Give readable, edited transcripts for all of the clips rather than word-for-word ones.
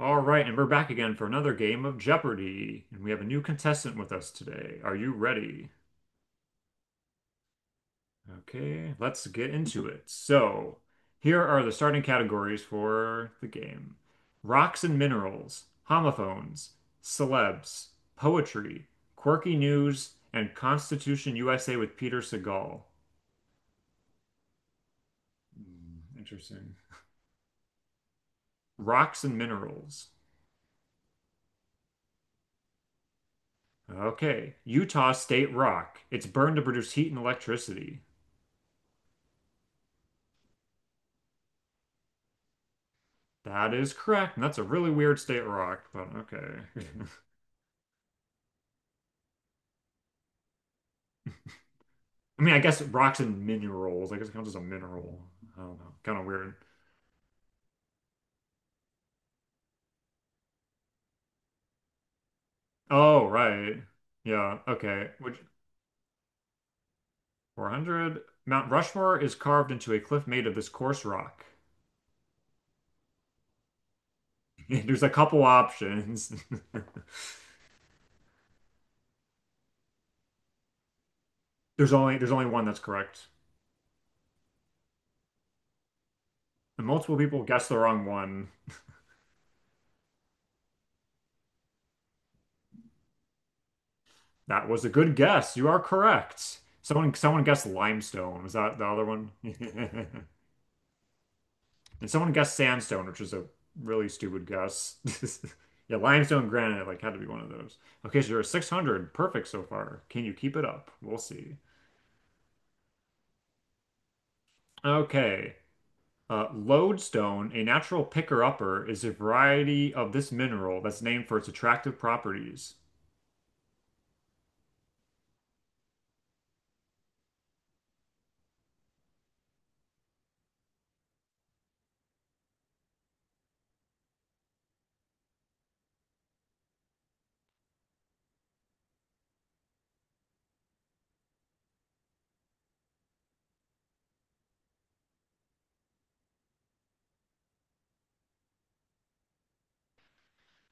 All right, and we're back again for another game of Jeopardy! And we have a new contestant with us today. Are you ready? Okay, let's get into it. So, here are the starting categories for the game. Rocks and minerals, homophones, celebs, poetry, quirky news, and Constitution USA with Peter Segal. Hmm, interesting. Rocks and minerals. Okay, Utah State rock. It's burned to produce heat and electricity. That is correct. And that's a really weird state rock, but okay. I mean, I guess rocks and minerals. I guess it counts as a mineral. I don't know. Kind of weird. Oh, right. Yeah, okay. Which 400? Mount Rushmore is carved into a cliff made of this coarse rock. There's a couple options. There's only one that's correct. And multiple people guessed the wrong one. That was a good guess. You are correct. Someone guessed limestone. Was that the other one? And someone guessed sandstone, which is a really stupid guess. Yeah, limestone, granite, like had to be one of those. Okay, so you're at 600. Perfect so far. Can you keep it up? We'll see. Okay. Lodestone, a natural picker-upper, is a variety of this mineral that's named for its attractive properties.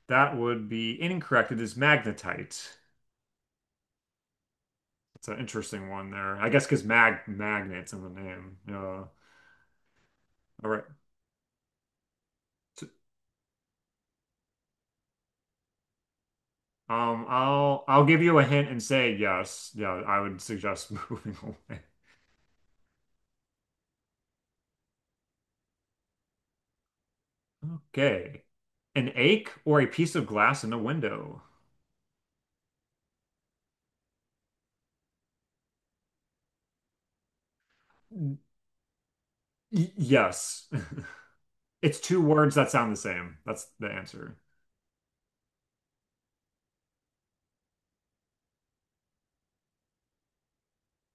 That would be incorrect. It is magnetite. It's an interesting one there. I guess because magnets in the name. Yeah. All right. So, I'll give you a hint and say yes. Yeah, I would suggest moving away. Okay. An ache or a piece of glass in a window? Y- yes. It's two words that sound the same. That's the answer.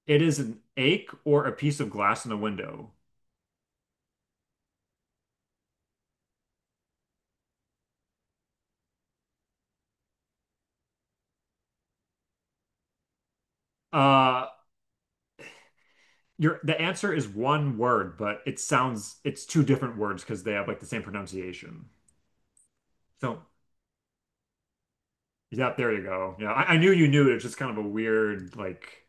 It is an ache or a piece of glass in a window. Uh, your the answer is one word, but it sounds it's two different words because they have like the same pronunciation. So, yeah, there you go. Yeah, I knew you knew it. It's just kind of a weird like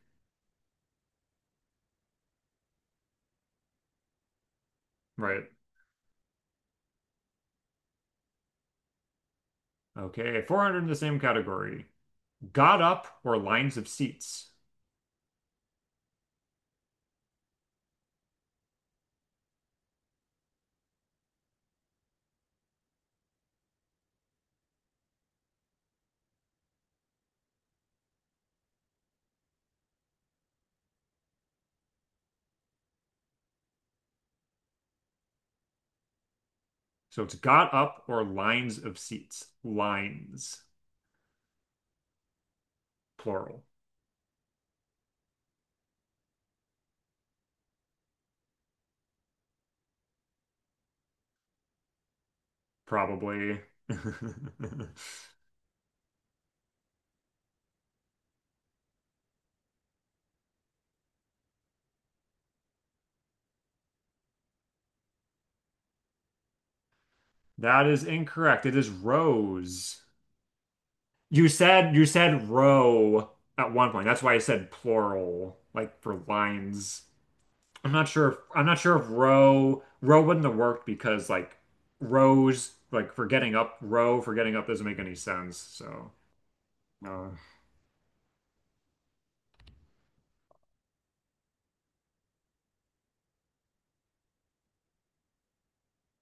right. Okay, 400 in the same category. Got up or lines of seats. So it's got up or lines of seats. Lines, plural, probably. That is incorrect. It is rows. You said row at one point. That's why I said plural, like for lines. I'm not sure if row wouldn't have worked because like rows like for getting up row for getting up doesn't make any sense. So uh,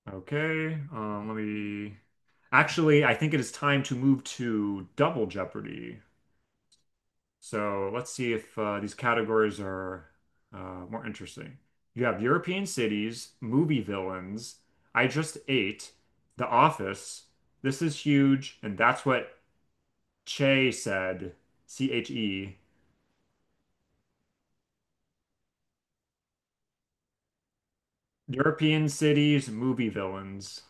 okay. Let me. Actually, I think it is time to move to Double Jeopardy. So let's see if these categories are more interesting. You have European cities, movie villains, I Just Ate, The Office, This Is Huge, and That's What Che said, C-H-E. European cities, movie villains.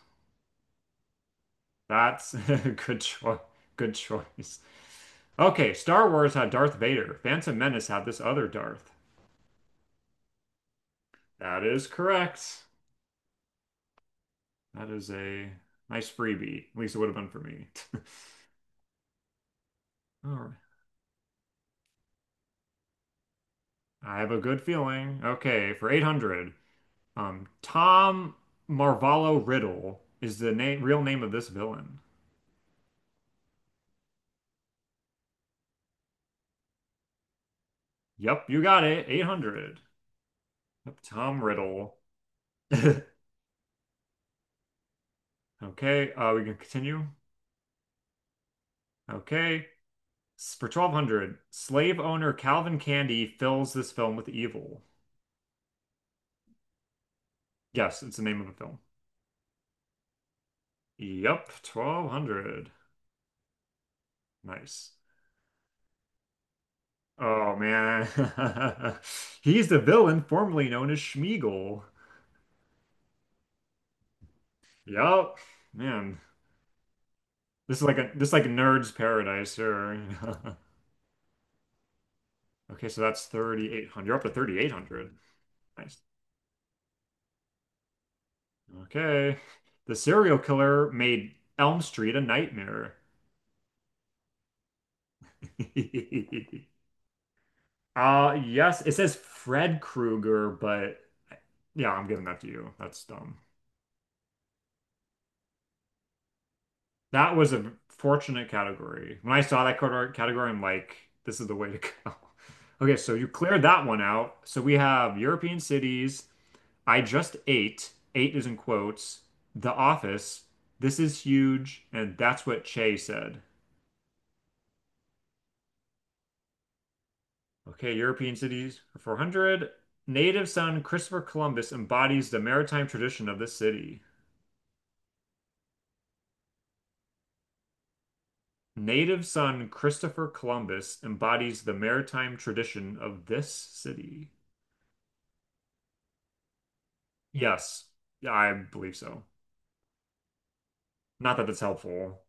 That's a good choice. Good choice. Okay, Star Wars had Darth Vader. Phantom Menace had this other Darth. That is correct. That is a nice freebie. At least it would have been for me. All right. I have a good feeling. Okay, for 800, Tom Marvallo Riddle is the name, real name of this villain. Yep, you got it. 800. Yep, Tom Riddle. Okay, we can continue. Okay. For 1200, slave owner Calvin Candy fills this film with evil. Yes, it's the name of a film. Yep, 1200. Nice. Oh man. He's the villain formerly known as Schmeagol. Yep. Man, this is like nerd's paradise here. Okay, so that's 3800. You're up to 3800. Nice. Okay. The serial killer made Elm Street a nightmare. Yes, it says Fred Krueger, but yeah, I'm giving that to you. That's dumb. That was a fortunate category. When I saw that category, I'm like, this is the way to go. Okay, so you cleared that one out. So we have European cities. I just ate. Eight is in quotes. The Office. This is huge, and that's what Che said. Okay, European cities for 400. Native son Christopher Columbus embodies the maritime tradition of this city. Native son Christopher Columbus embodies the maritime tradition of this city. Yes, I believe so. Not that that's helpful.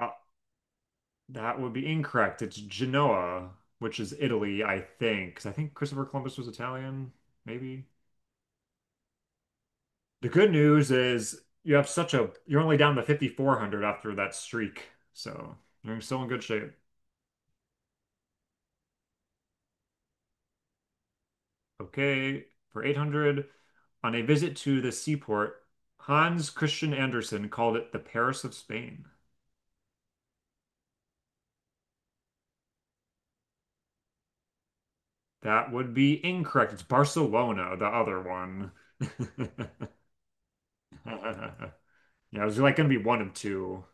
Uh, that would be incorrect. It's Genoa, which is Italy, I think. 'Cause I think Christopher Columbus was Italian, maybe. The good news is you have such a, you're only down to 5,400 after that streak. So you're still in good shape. Okay, for 800, on a visit to the seaport, Hans Christian Andersen called it the Paris of Spain. That would be incorrect. It's Barcelona, the other one. Yeah, it was like going to be one of two.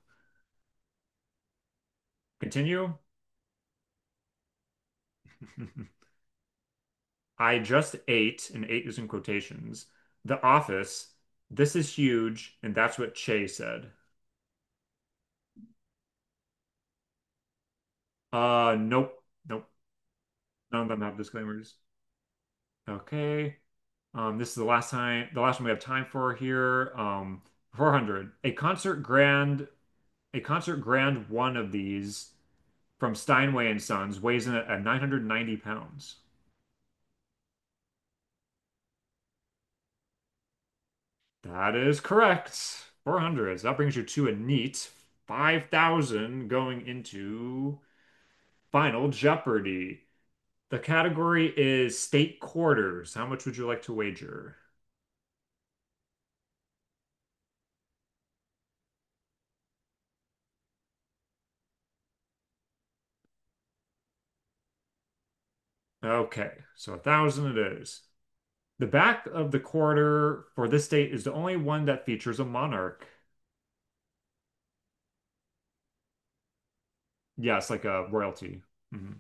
Continue. I just ate, and ate is in quotations, The Office. This is huge, and that's what Che said. Nope, nope. None of them have disclaimers. Okay. This is the last time, the last one we have time for here. 400. A concert grand one of these from Steinway and Sons weighs in at 990 pounds. That is correct. 400. So that brings you to a neat 5,000 going into Final Jeopardy. The category is state quarters. How much would you like to wager? Okay, so 1,000 it is. The back of the quarter for this state is the only one that features a monarch. Yes, like a royalty. Mhm.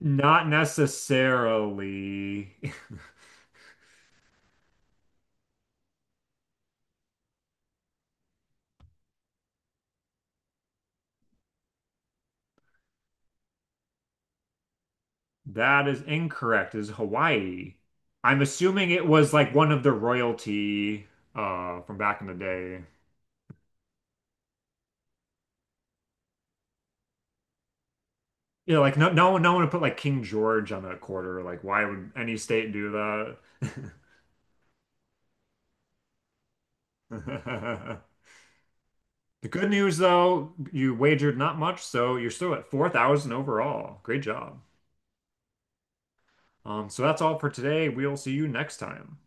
Not necessarily. That is incorrect. Is Hawaii. I'm assuming it was like one of the royalty from back in the day. Yeah, like no one would put like King George on that quarter. Like why would any state do that? The good news though, you wagered not much, so you're still at 4,000 overall. Great job. So that's all for today. We'll see you next time.